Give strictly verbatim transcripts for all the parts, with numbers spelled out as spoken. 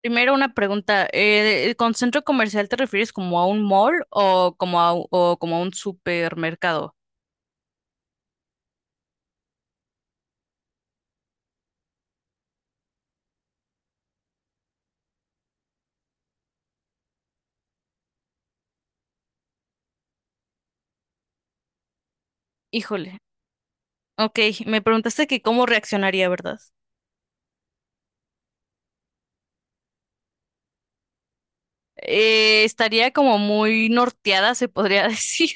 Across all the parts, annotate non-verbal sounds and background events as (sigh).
Primero una pregunta, eh, ¿con centro comercial te refieres como a un mall o como a, u- o como a un supermercado? Híjole, ok, me preguntaste que cómo reaccionaría, ¿verdad? Eh, estaría como muy norteada, se podría (laughs) decir,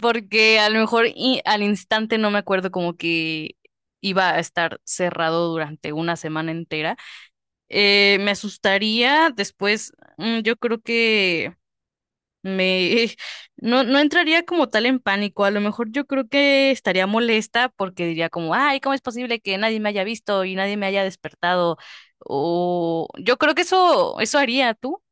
porque a lo mejor i- al instante no me acuerdo como que iba a estar cerrado durante una semana entera. Eh, me asustaría, después mm, yo creo que... Me (laughs) no, no entraría como tal en pánico. A lo mejor yo creo que estaría molesta porque diría como, ay, ¿cómo es posible que nadie me haya visto y nadie me haya despertado? O yo creo que eso, eso haría tú,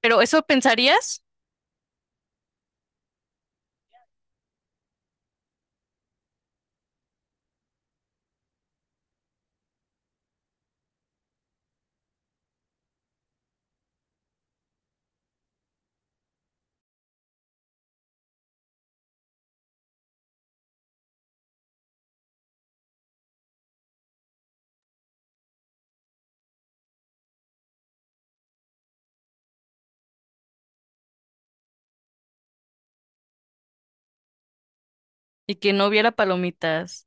pero eso pensarías. Y que no hubiera palomitas.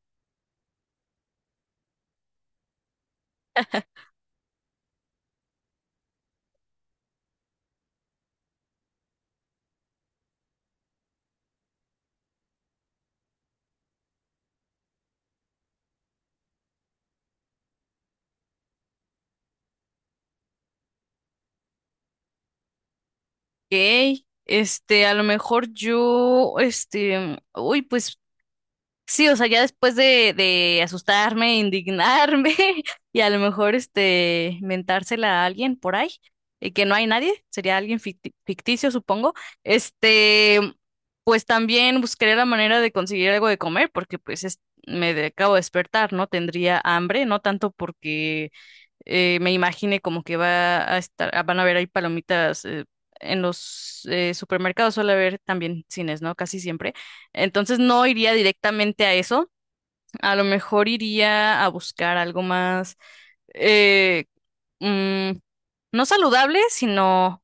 Ok, este, a lo mejor yo, este, uy, pues sí, o sea, ya después de, de asustarme, indignarme (laughs) y a lo mejor este mentársela a alguien por ahí, y que no hay nadie, sería alguien ficti- ficticio, supongo. Este, pues también buscaré la manera de conseguir algo de comer, porque pues es- me de- acabo de despertar, ¿no? Tendría hambre, no tanto porque eh, me imagine como que va a estar, ah, van a haber ahí palomitas eh, en los eh, supermercados, suele haber también cines, ¿no? Casi siempre. Entonces no iría directamente a eso. A lo mejor iría a buscar algo más, eh, mm, no saludable, sino,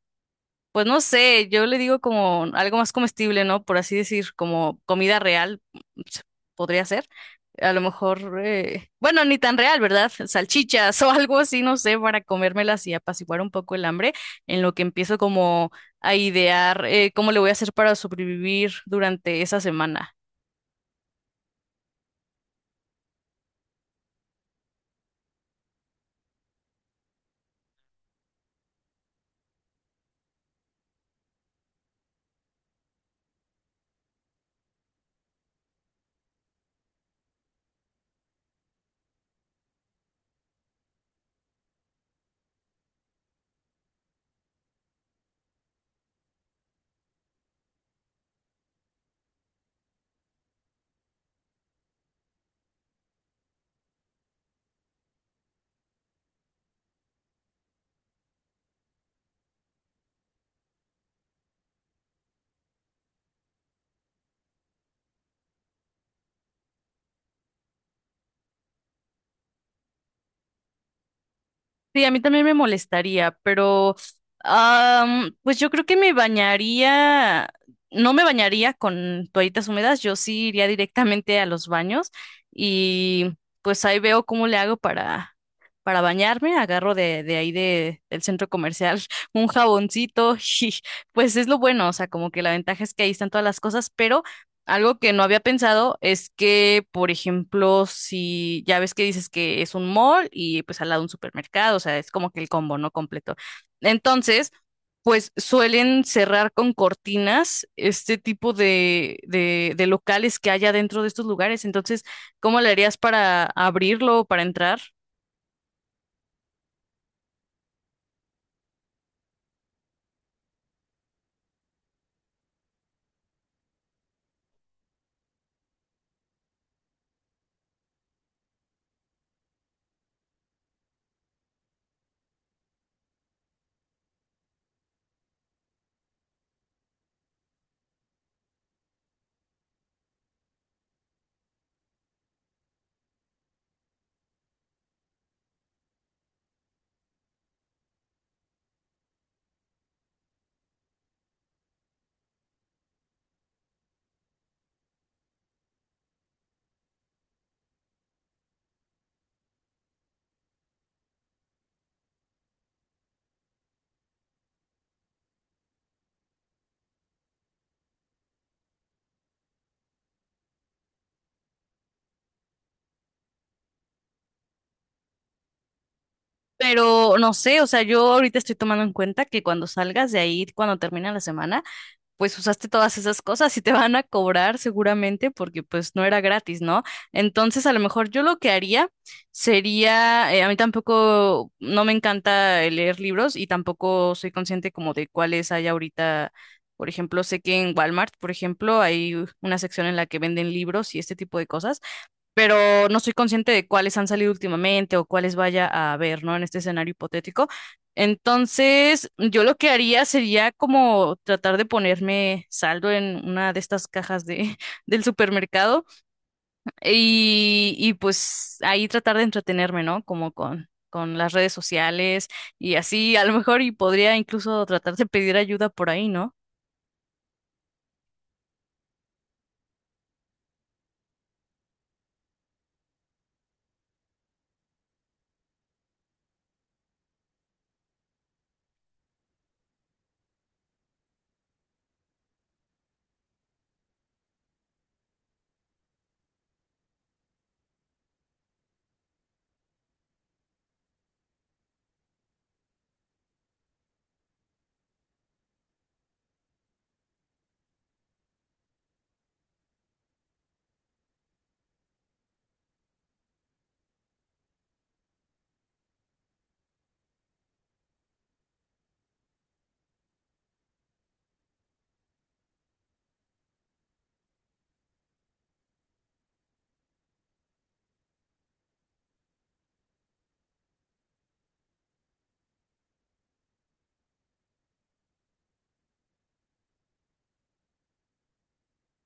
pues no sé, yo le digo como algo más comestible, ¿no? Por así decir, como comida real, se- podría ser. A lo mejor, eh, bueno, ni tan real, ¿verdad? Salchichas (laughs) o algo así, no sé, para comérmelas y apaciguar un poco el hambre, en lo que empiezo como a idear eh, cómo le voy a hacer para sobrevivir durante esa semana. Sí, a mí también me molestaría, pero am, pues yo creo que me bañaría, no me bañaría con toallitas húmedas, yo sí iría directamente a los baños y pues ahí veo cómo le hago para, para bañarme, agarro de, de ahí de, del centro comercial (laughs) un jaboncito y pues es lo bueno, o sea, como que la ventaja es que ahí están todas las cosas, pero... Algo que no había pensado es que, por ejemplo, si ya ves que dices que es un mall y pues al lado un supermercado, o sea, es como que el combo, ¿no? Completo. Entonces, pues suelen cerrar con cortinas este tipo de, de, de locales que haya dentro de estos lugares. Entonces, ¿cómo le harías para abrirlo, para entrar? Pero no sé, o sea, yo ahorita estoy tomando en cuenta que cuando salgas de ahí, cuando termina la semana, pues usaste todas esas cosas y te van a cobrar seguramente porque pues no era gratis, ¿no? Entonces a lo mejor yo lo que haría sería, eh, a mí tampoco, no me encanta el leer libros y tampoco soy consciente como de cuáles hay ahorita. Por ejemplo, sé que en Walmart, por ejemplo, hay una sección en la que venden libros y este tipo de cosas, pero no soy consciente de cuáles han salido últimamente o cuáles vaya a haber, ¿no? En este escenario hipotético. Entonces, yo lo que haría sería como tratar de ponerme saldo en una de estas cajas de, (laughs) del supermercado y, y pues ahí tratar de entretenerme, ¿no? Como con, con las redes sociales y así, a lo mejor, y podría incluso tratar de pedir ayuda por ahí, ¿no?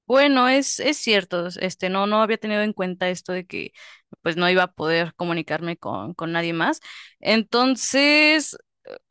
Bueno, es, es cierto, este, no, no había tenido en cuenta esto de que pues no iba a poder comunicarme con, con nadie más. Entonces,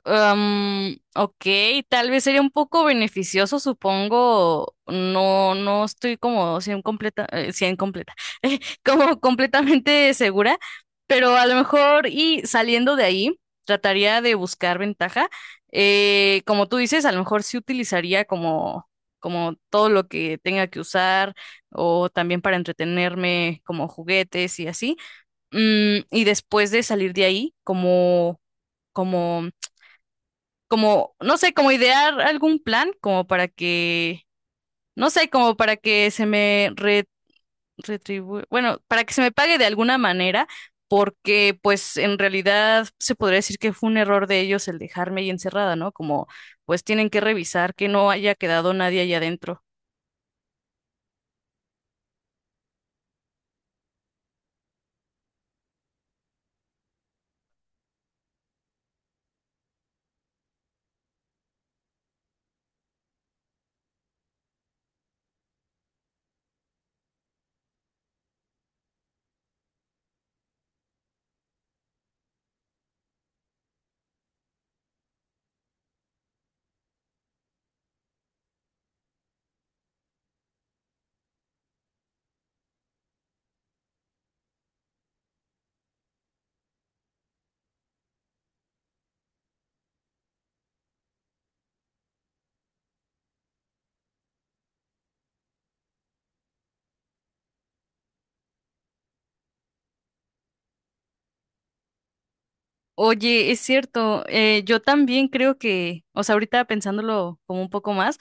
am, ok, tal vez sería un poco beneficioso, supongo. No, no estoy como cien completa, eh, cien completa, (laughs) eh, como completamente segura, pero a lo mejor y saliendo de ahí, trataría de buscar ventaja. Eh, como tú dices, a lo mejor sí utilizaría como, como todo lo que tenga que usar o también para entretenerme, como juguetes y así. Mm, y después de salir de ahí, como... como como, no sé, como idear algún plan como para que, no sé, como para que se me re- retribu- bueno, para que se me pague de alguna manera, porque pues en realidad se podría decir que fue un error de ellos el dejarme ahí encerrada, ¿no? Como pues tienen que revisar que no haya quedado nadie allá adentro. Oye, es cierto, eh, yo también creo que, o sea, ahorita pensándolo como un poco más,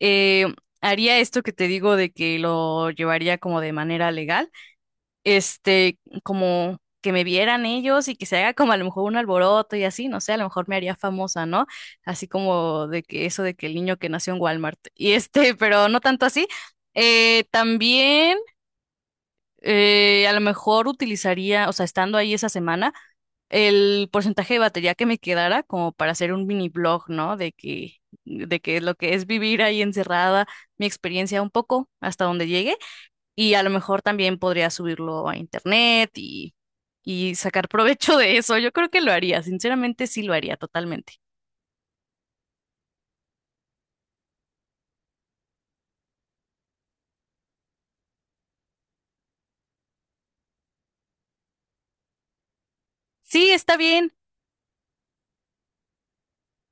eh, haría esto que te digo de que lo llevaría como de manera legal. Este, como que me vieran ellos y que se haga como a lo mejor un alboroto y así, no sé, a lo mejor me haría famosa, ¿no? Así como de que eso de que el niño que nació en Walmart (laughs) y este, pero no tanto así. Eh, también eh, a lo mejor utilizaría, o sea, estando ahí esa semana, el porcentaje de batería que me quedara como para hacer un mini blog, ¿no? De que, de que lo que es vivir ahí encerrada, mi experiencia un poco hasta donde llegue y a lo mejor también podría subirlo a internet y, y sacar provecho de eso. Yo creo que lo haría, sinceramente sí lo haría totalmente. Sí, está bien.